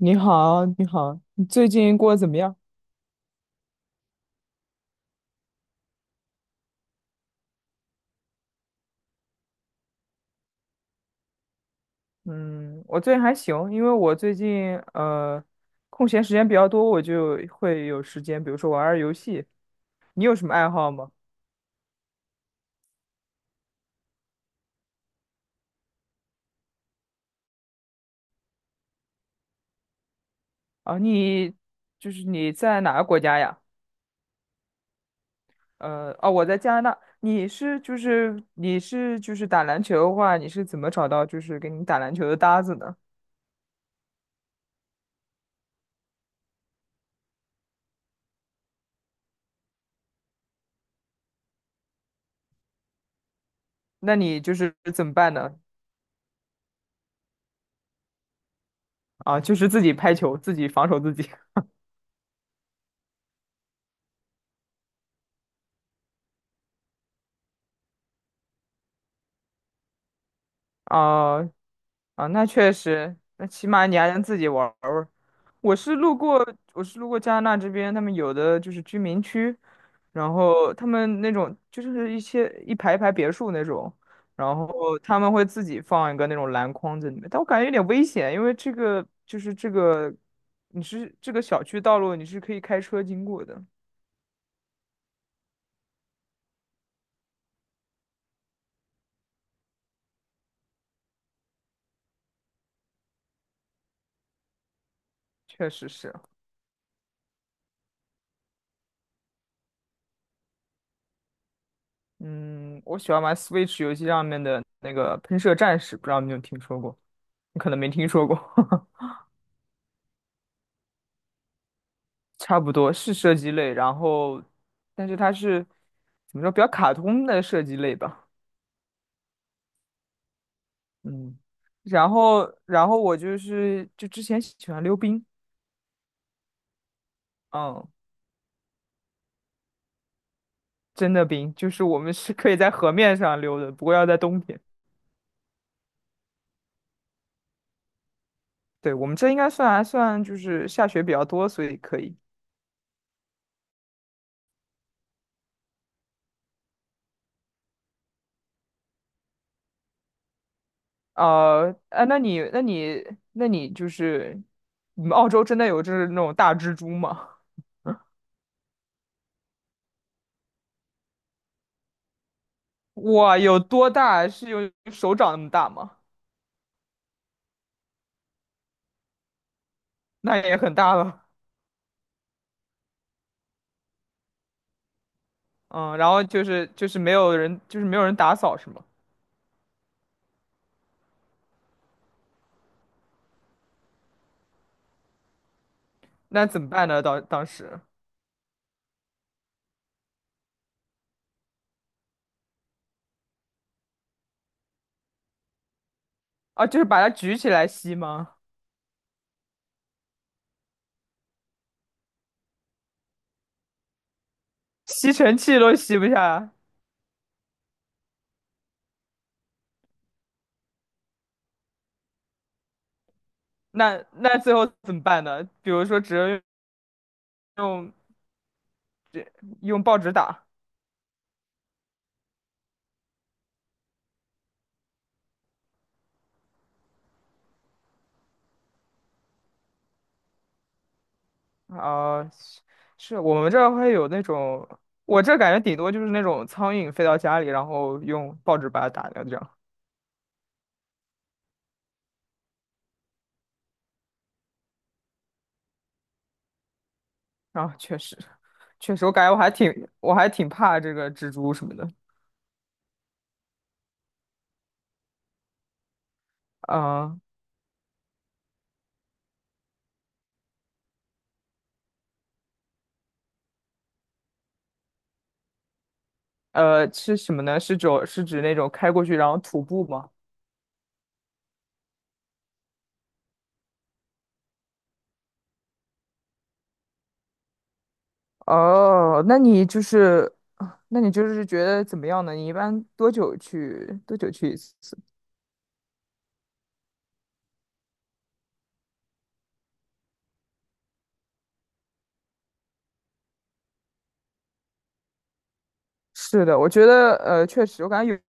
你好，你好，你最近过得怎么样？嗯，我最近还行，因为我最近空闲时间比较多，我就会有时间，比如说玩玩游戏。你有什么爱好吗？啊，你就是你在哪个国家呀？哦，我在加拿大。你是就是你是就是打篮球的话，你是怎么找到给你打篮球的搭子呢？那你就是怎么办呢？啊，就是自己拍球，自己防守自己。啊。啊，那确实，那起码你还能自己玩儿玩儿。我是路过，我是路过加拿大这边，他们有的就是居民区，然后他们那种就是一些一排一排别墅那种，然后他们会自己放一个那种篮筐在里面，但我感觉有点危险，因为这个，你是这个小区道路你是可以开车经过的，确实是。嗯，我喜欢玩 Switch 游戏上面的那个喷射战士，不知道你有没有听说过？你可能没听说过。差不多是射击类，然后，但是它是怎么说，比较卡通的射击类吧。嗯，然后我就是就之前喜欢溜冰。嗯，真的冰，就是我们是可以在河面上溜的，不过要在冬天。对，我们这应该算还算就是下雪比较多，所以可以。呃，哎，那你，那你，那你就是，你们澳洲真的有就是那种大蜘蛛吗？哇，有多大？是有手掌那么大吗？那也很大了。嗯，然后没有人，就是没有人打扫是吗？那怎么办呢？当时啊，就是把它举起来吸吗？吸尘器都吸不下，那那最后怎么办呢？比如说只能用用报纸打。啊，是我们这儿会有那种，我这感觉顶多就是那种苍蝇飞到家里，然后用报纸把它打掉这样。啊，确实确实，我感觉我还挺怕这个蜘蛛什么的。啊。呃，是什么呢？是指那种开过去然后徒步吗？哦，那你就是觉得怎么样呢？你一般多久去一次？是的，我觉得呃，确实，我感觉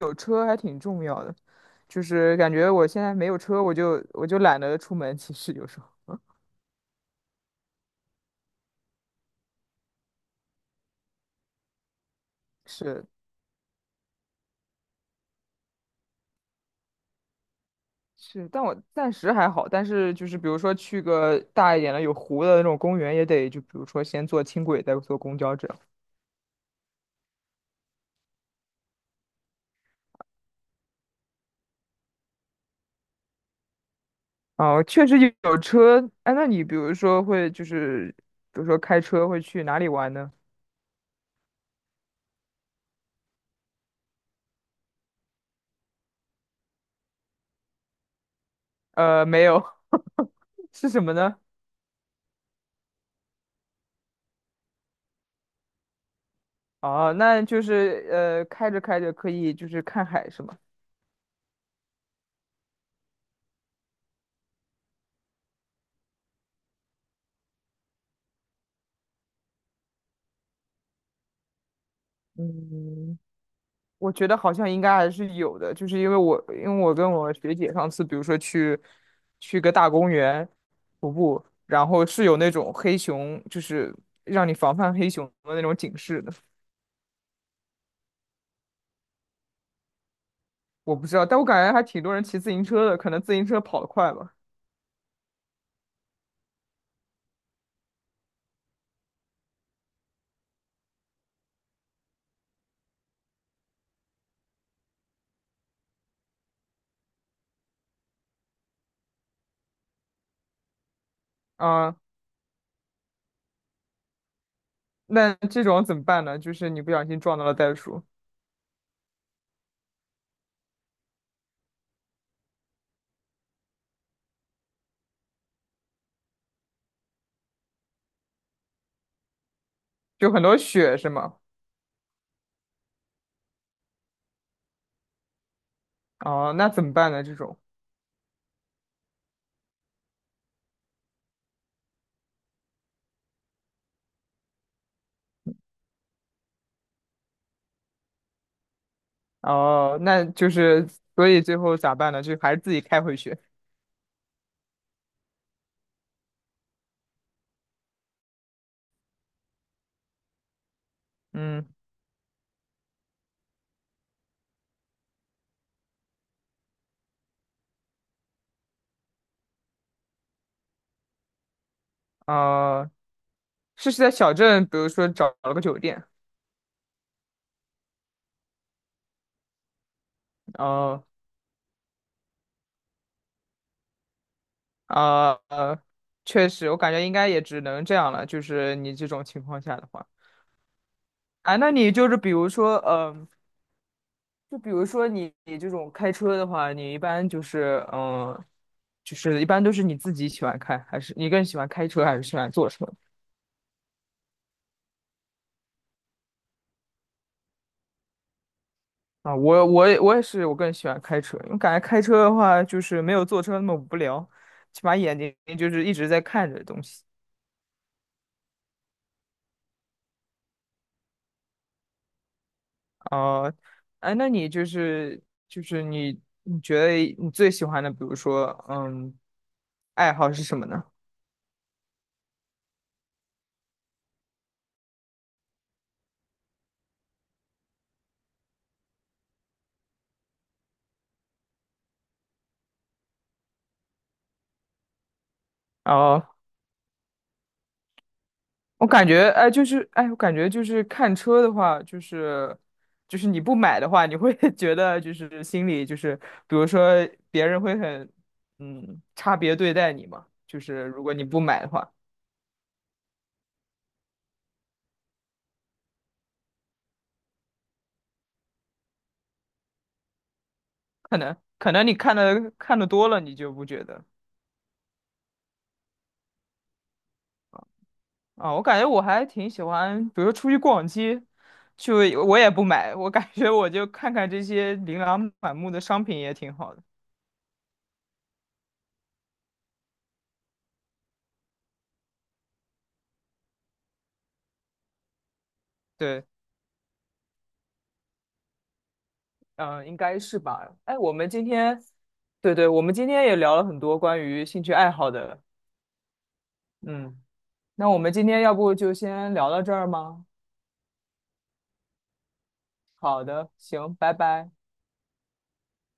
有车还挺重要的。就是感觉我现在没有车，我就懒得出门。其实有时候 是是，但我暂时还好。但是就是比如说去个大一点的有湖的那种公园，也得就比如说先坐轻轨，再坐公交这样。哦，确实有车。哎，那你比如说会就是，比如说开车会去哪里玩呢？呃，没有。是什么呢？哦，那就是呃，开着开着可以就是看海是吗？嗯，我觉得好像应该还是有的，就是因为我跟我学姐上次，比如说去个大公园徒步，然后是有那种黑熊，就是让你防范黑熊的那种警示的。我不知道，但我感觉还挺多人骑自行车的，可能自行车跑得快吧。啊。那这种怎么办呢？就是你不小心撞到了袋鼠，就很多血是吗？哦，那怎么办呢？这种哦，那就是所以最后咋办呢？就还是自己开回去。嗯，呃，是是在小镇，比如说找了个酒店。哦，呃，呃，确实，我感觉应该也只能这样了。就是你这种情况下的话，啊，那你就是比如说，嗯。就比如说你这种开车的话，你一般就是嗯，呃就是一般都是你自己喜欢开，还是你更喜欢开车还是喜欢坐车？啊？我也是，我更喜欢开车，因为感觉开车的话就是没有坐车那么无聊，起码眼睛就是一直在看着东西。啊。哎，那你就是就是你你觉得你最喜欢的，比如说嗯，爱好是什么呢？哦我感觉，哎，就是，哎，我感觉就是看车的话，就是，就是你不买的话，你会 觉得就是心里就是，比如说别人会很，嗯，差别对待你嘛。就是如果你不买的话，可能可能你看的看的多了，你就不觉得啊。我感觉我还挺喜欢，比如出去逛街，就我也不买，我感觉我就看看这些琳琅满目的商品也挺好的。对。嗯，应该是吧。哎，我们今天，对对，我们今天也聊了很多关于兴趣爱好的。嗯，那我们今天要不就先聊到这儿吗？好的，行，拜拜。